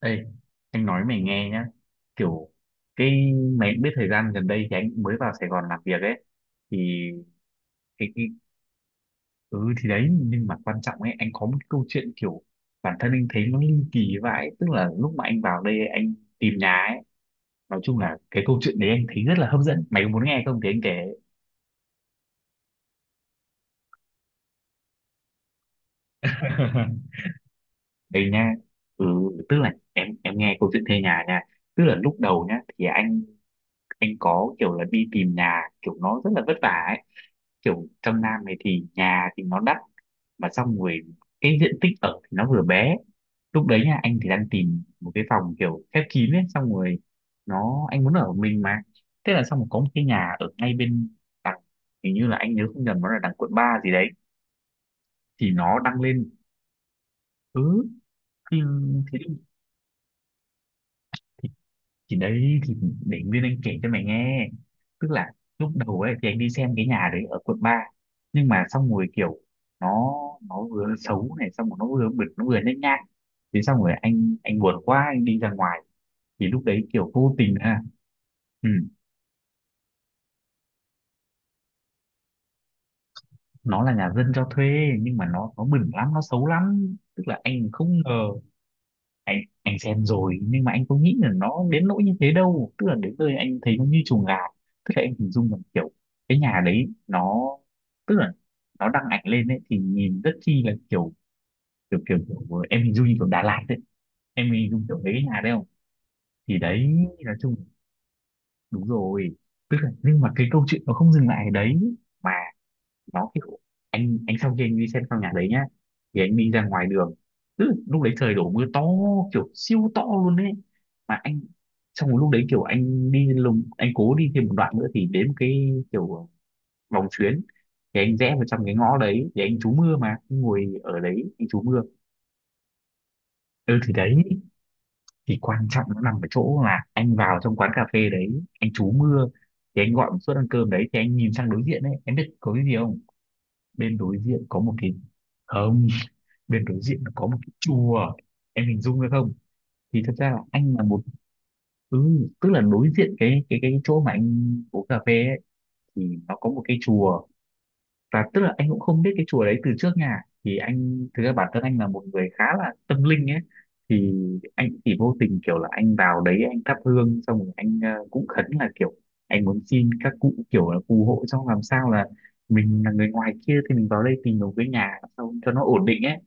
Ê, anh nói mày nghe nhá, kiểu cái mày cũng biết thời gian gần đây thì anh cũng mới vào Sài Gòn làm việc ấy. Thì cái ừ thì đấy, nhưng mà quan trọng ấy, anh có một cái câu chuyện kiểu bản thân anh thấy nó ly kỳ vãi, tức là lúc mà anh vào đây anh tìm nhà ấy. Nói chung là cái câu chuyện đấy anh thấy rất là hấp dẫn, mày có muốn nghe không thì anh kể. Đây nha. Ừ, tức là em nghe câu chuyện thuê nhà nha. Tức là lúc đầu nhá thì anh có kiểu là đi tìm nhà, kiểu nó rất là vất vả ấy. Kiểu trong Nam này thì nhà thì nó đắt, mà xong rồi cái diện tích ở thì nó vừa bé. Lúc đấy nha anh thì đang tìm một cái phòng kiểu khép kín ấy, xong rồi nó anh muốn ở một mình mà. Thế là xong rồi có một cái nhà ở ngay bên đằng, hình như là anh nhớ không nhầm nó là đằng quận 3 gì đấy. Thì nó đăng lên cứ thì, thì đấy thì để Nguyên Anh kể cho mày nghe. Tức là lúc đầu ấy thì anh đi xem cái nhà đấy ở quận ba, nhưng mà xong rồi kiểu nó nó vừa xấu này, xong rồi nó vừa bẩn, nó vừa nhếch nhác. Thì xong rồi anh buồn quá anh đi ra ngoài. Thì lúc đấy kiểu vô tình ha. Ừ, nó là nhà dân cho thuê, nhưng mà nó bẩn lắm, nó xấu lắm, tức là anh không ngờ. Anh anh xem rồi nhưng mà anh có nghĩ là nó đến nỗi như thế đâu, tức là đến nơi anh thấy nó như chuồng gà. Tức là anh hình dung rằng kiểu cái nhà đấy nó, tức là nó đăng ảnh lên ấy thì nhìn rất chi là kiểu, kiểu em hình dung như kiểu Đà Lạt đấy, em hình dung kiểu đấy cái nhà đấy không. Thì đấy, nói chung đúng rồi, tức là nhưng mà cái câu chuyện nó không dừng lại ở đấy mà, nó kiểu anh sau khi anh đi xem căn nhà đấy nhá thì anh đi ra ngoài đường. Tức lúc đấy trời đổ mưa to, kiểu siêu to luôn đấy. Mà anh xong rồi lúc đấy kiểu anh đi lùng, anh cố đi thêm một đoạn nữa thì đến một cái kiểu vòng xuyến. Thì anh rẽ vào trong cái ngõ đấy thì anh trú mưa, mà anh ngồi ở đấy anh trú mưa. Ừ thì đấy, thì quan trọng nó nằm ở chỗ là anh vào trong quán cà phê đấy anh trú mưa, thì anh gọi một suất ăn cơm đấy, thì anh nhìn sang đối diện đấy em biết có cái gì không? Bên đối diện có một cái, không, bên đối diện nó có một cái chùa. Em hình dung được không? Thì thật ra là anh là một. Ừ, tức là đối diện cái chỗ mà anh uống cà phê ấy, thì nó có một cái chùa. Và tức là anh cũng không biết cái chùa đấy từ trước nhà. Thì anh thực ra bản thân anh là một người khá là tâm linh ấy. Thì anh chỉ vô tình kiểu là anh vào đấy anh thắp hương, xong rồi anh cũng khấn là kiểu anh muốn xin các cụ kiểu là phù hộ, xong làm sao là mình là người ngoài kia thì mình vào đây tìm một cái nhà, xong cho nó ổn định ấy.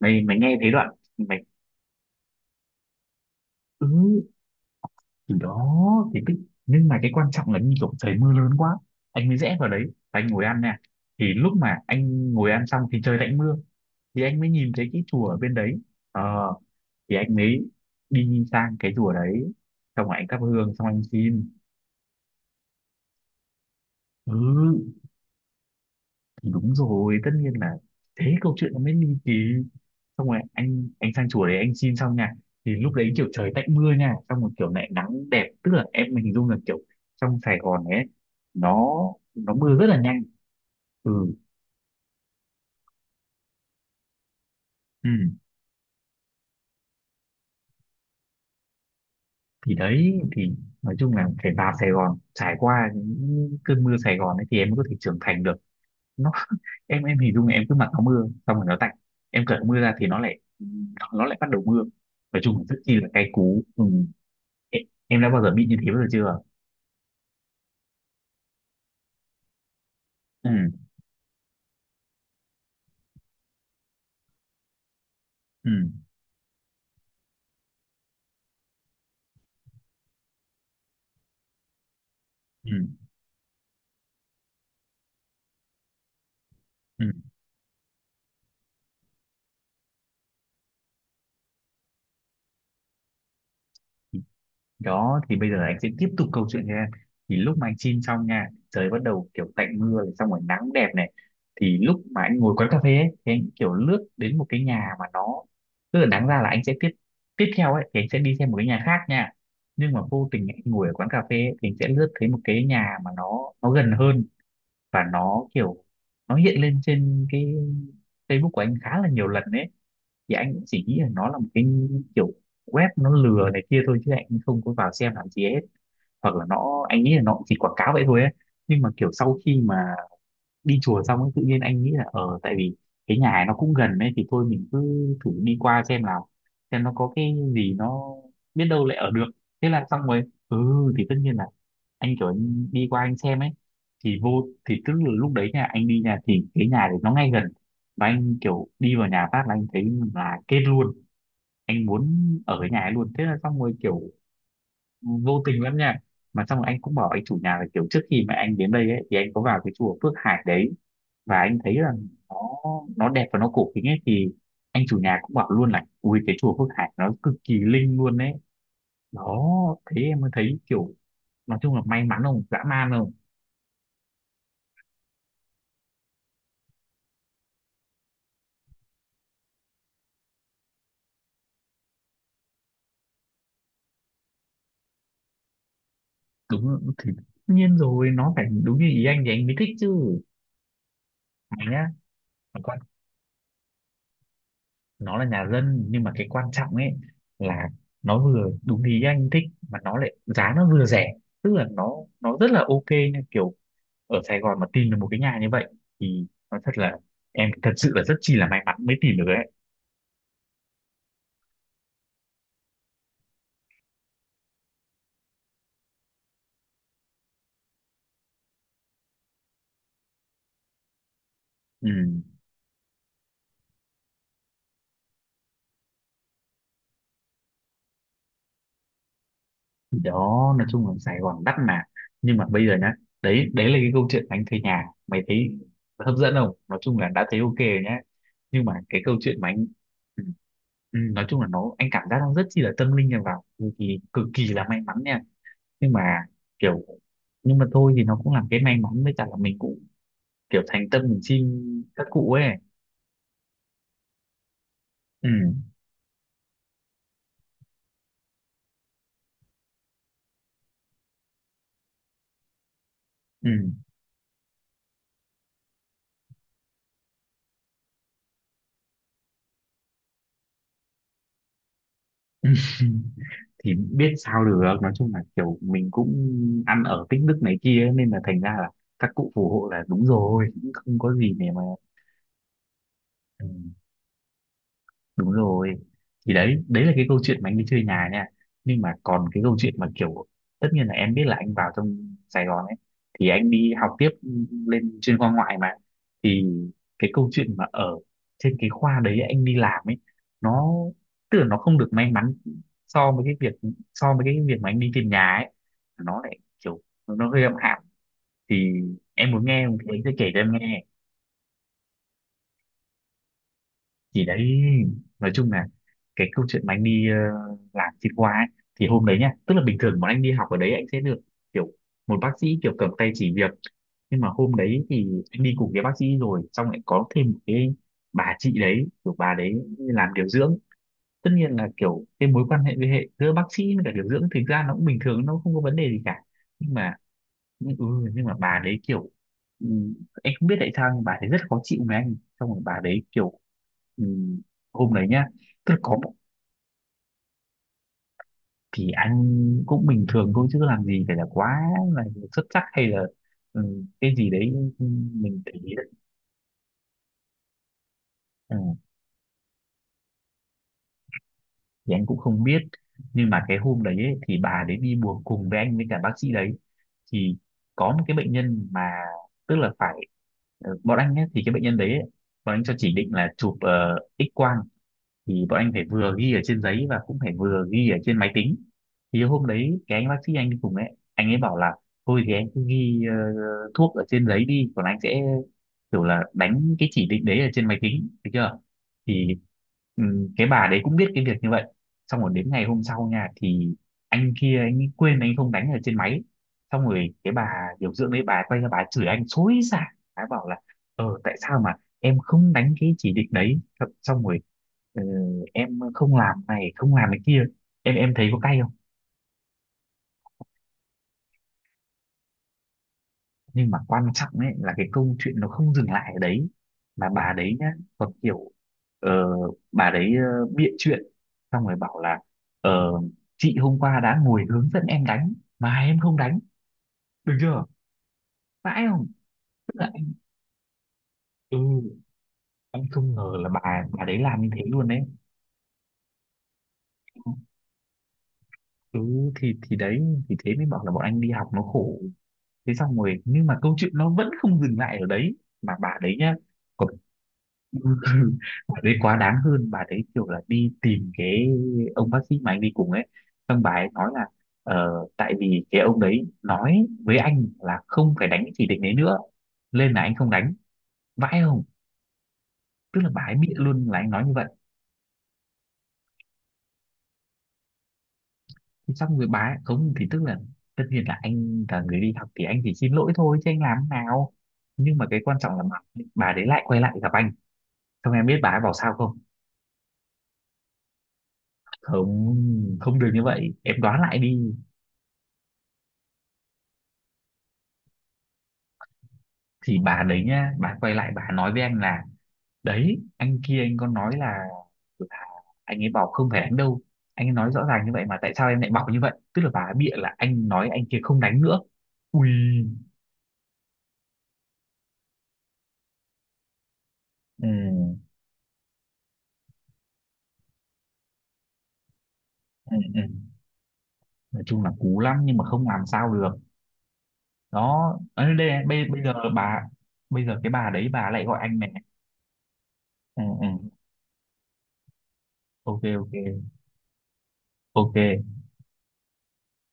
Mày mày nghe thấy đoạn mày. Ừ thì đó thì cái. Nhưng mà cái quan trọng là như kiểu trời mưa lớn quá anh mới rẽ vào đấy, và anh ngồi ăn nè. Thì lúc mà anh ngồi ăn xong thì trời lại mưa. Thì anh mới nhìn thấy cái chùa ở bên đấy, ờ thì anh mới đi sang cái chùa đấy, xong rồi anh thắp hương xong anh xin. Ừ thì đúng rồi, tất nhiên là thế câu chuyện nó mới ly kỳ. Xong rồi anh sang chùa đấy anh xin xong nha. Thì lúc đấy kiểu trời tạnh mưa nha, xong rồi kiểu lại nắng đẹp. Tức là em mình hình dung là kiểu trong Sài Gòn ấy nó nó mưa rất là nhanh. Ừ, ừ, thì đấy thì nói chung là phải vào Sài Gòn trải qua những cơn mưa Sài Gòn ấy thì em mới có thể trưởng thành được. Nó em hình dung là em cứ mặc áo mưa xong rồi nó tạnh, em cởi áo mưa ra thì nó lại bắt đầu mưa. Nói chung là rất chi là cay cú. Ừ. Em em đã bao giờ bị như thế bao giờ chưa? Ừ, ừ, ừ, ừ. Đó, thì bây giờ anh sẽ tiếp tục câu chuyện nha. Thì lúc mà anh chim xong nha, trời bắt đầu kiểu tạnh mưa, này, xong rồi nắng đẹp này. Thì lúc mà anh ngồi quán cà phê ấy, thì anh kiểu lướt đến một cái nhà mà nó. Tức là đáng ra là anh sẽ tiếp tiếp theo ấy, thì anh sẽ đi xem một cái nhà khác nha. Nhưng mà vô tình anh ngồi ở quán cà phê ấy, thì anh sẽ lướt thấy một cái nhà mà nó gần hơn, và nó kiểu nó hiện lên trên cái Facebook của anh khá là nhiều lần đấy. Thì anh cũng chỉ nghĩ là nó là một cái kiểu web nó lừa này kia thôi chứ anh không có vào xem làm gì hết, hoặc là nó anh nghĩ là nó cũng chỉ quảng cáo vậy thôi ấy. Nhưng mà kiểu sau khi mà đi chùa xong ấy, tự nhiên anh nghĩ là tại vì cái nhà này nó cũng gần ấy thì thôi mình cứ thử đi qua xem nào, xem nó có cái gì, nó biết đâu lại ở được. Thế là xong rồi. Ừ thì tất nhiên là anh kiểu anh đi qua anh xem ấy, thì tức là lúc đấy nha anh đi nhà thì cái nhà đấy nó ngay gần. Và anh kiểu đi vào nhà phát là anh thấy là kết luôn, anh muốn ở cái nhà ấy luôn. Thế là xong rồi kiểu vô tình lắm nha. Mà xong rồi anh cũng bảo anh chủ nhà là kiểu trước khi mà anh đến đây ấy, thì anh có vào cái chùa Phước Hải đấy, và anh thấy là nó nó đẹp và nó cổ kính ấy. Thì anh chủ nhà cũng bảo luôn là ui cái chùa Phước Hải nó cực kỳ linh luôn đấy. Đó, thế em mới thấy kiểu, nói chung là may mắn không dã man không? Đúng, thì tất nhiên rồi nó phải đúng như ý anh thì anh mới thích chứ mày nhá, còn nó là nhà dân nhưng mà cái quan trọng ấy là nó vừa đúng ý anh thích, mà nó lại giá nó vừa rẻ, tức là nó rất là ok nha kiểu. Ở Sài Gòn mà tìm được một cái nhà như vậy thì nó thật là, em thật sự là rất chi là may mắn mới tìm được ấy. Ừ. Thì đó, nói chung là Sài Gòn đắt mà. Nhưng mà bây giờ nhá, đấy đấy là cái câu chuyện anh thuê nhà, mày thấy hấp dẫn không? Nói chung là đã thấy ok rồi nhá, nhưng mà cái câu chuyện mà anh. Ừ, ừ, nói chung là nó anh cảm giác nó rất chi là tâm linh nha, vào thì cực kỳ là may mắn nha. Nhưng mà kiểu nhưng mà thôi thì nó cũng làm cái may mắn, với cả là mình cũng kiểu thành tâm mình xin các cụ ấy. Ừ, ừ. Thì biết sao được, nói chung là kiểu mình cũng ăn ở tích đức này kia ấy, nên là thành ra là các cụ phù hộ là đúng rồi, cũng không có gì để mà. Ừ. Đúng rồi. Thì đấy, đấy là cái câu chuyện mà anh đi chơi nhà nha. Nhưng mà còn cái câu chuyện mà kiểu, tất nhiên là em biết là anh vào trong Sài Gòn ấy, thì anh đi học tiếp lên chuyên khoa ngoại mà. Thì cái câu chuyện mà ở trên cái khoa đấy anh đi làm ấy, nó, tức là nó không được may mắn so với cái việc mà anh đi tìm nhà ấy. Nó lại kiểu, nó hơi âm ỉ. Thì em muốn nghe thì anh sẽ kể cho em nghe. Thì đấy, nói chung là cái câu chuyện mà anh đi, làm trên khoa ấy, thì hôm đấy nhá, tức là bình thường bọn anh đi học ở đấy anh sẽ được kiểu một bác sĩ kiểu cầm tay chỉ việc. Nhưng mà hôm đấy thì anh đi cùng cái bác sĩ rồi xong lại có thêm một cái bà chị đấy, kiểu bà đấy làm điều dưỡng. Tất nhiên là kiểu cái mối quan hệ với hệ giữa bác sĩ với cả điều dưỡng thực ra nó cũng bình thường, nó không có vấn đề gì cả. Nhưng mà, nhưng, ừ, nhưng mà bà đấy kiểu, ừ, em không biết tại sao nhưng bà đấy rất khó chịu với anh. Xong rồi bà đấy kiểu, ừ, hôm đấy nhá, tức là có thì anh cũng bình thường thôi chứ làm gì phải là quá là xuất sắc hay là, cái gì đấy mình để ý đấy. ừ, thì anh cũng không biết. Nhưng mà cái hôm đấy ấy, thì bà đấy đi buồng cùng với anh với cả bác sĩ đấy. Thì có một cái bệnh nhân mà, tức là phải, bọn anh ấy, thì cái bệnh nhân đấy ấy, bọn anh cho chỉ định là chụp X quang. Thì bọn anh phải vừa ghi ở trên giấy và cũng phải vừa ghi ở trên máy tính. Thì hôm đấy cái anh bác sĩ anh đi cùng ấy, anh ấy bảo là thôi thì anh cứ ghi thuốc ở trên giấy đi, còn anh sẽ kiểu là đánh cái chỉ định đấy ở trên máy tính được chưa. Thì cái bà đấy cũng biết cái việc như vậy. Xong rồi đến ngày hôm sau nha, thì anh kia anh ấy quên, anh không đánh ở trên máy. Xong rồi cái bà điều dưỡng đấy, bà quay ra bà chửi anh xối xả. Bà bảo là ờ tại sao mà em không đánh cái chỉ định đấy. Xong rồi "Ờ, em không làm này, không làm cái kia." Em thấy có cay không. Nhưng mà quan trọng ấy là cái câu chuyện nó không dừng lại ở đấy, mà bà đấy nhá còn kiểu, ờ, bà đấy bịa chuyện. Xong rồi bảo là ờ, chị hôm qua đã ngồi hướng dẫn em đánh mà em không đánh, được chưa. Vãi không. Tức là ừ anh không ngờ là bà đấy làm như thế luôn đấy. Ừ, thì đấy, thì thế mới bảo là bọn anh đi học nó khổ. Thế xong rồi nhưng mà câu chuyện nó vẫn không dừng lại ở đấy, mà bà đấy nhá. Bà đấy quá đáng hơn, bà đấy kiểu là đi tìm cái ông bác sĩ mà anh đi cùng ấy, xong bà ấy nói là tại vì cái ông đấy nói với anh là không phải đánh cái chỉ định đấy nữa, nên là anh không đánh. Vãi không. Tức là bà ấy bịa luôn là anh nói như vậy. Thế xong rồi bà ấy không, thì tức là tất nhiên là anh là người đi học thì anh chỉ xin lỗi thôi chứ anh làm thế nào. Nhưng mà cái quan trọng là bà đấy lại quay lại gặp anh. Xong em biết bà ấy bảo sao không. Không, không được như vậy, em đoán lại đi. Thì bà đấy nhá, bà quay lại bà nói với anh là đấy anh kia anh có nói là là anh ấy bảo không phải đánh đâu. Anh ấy nói rõ ràng như vậy mà tại sao em lại bảo như vậy. Tức là bà ấy bịa là anh nói anh kia không đánh nữa. Ui. Ừ, ừ. Nói chung là cú lắm nhưng mà không làm sao được. Đó. Ở đây bây giờ bà, bây giờ cái bà đấy bà lại gọi anh này. Ừ, ừ. Ok, ok, ok.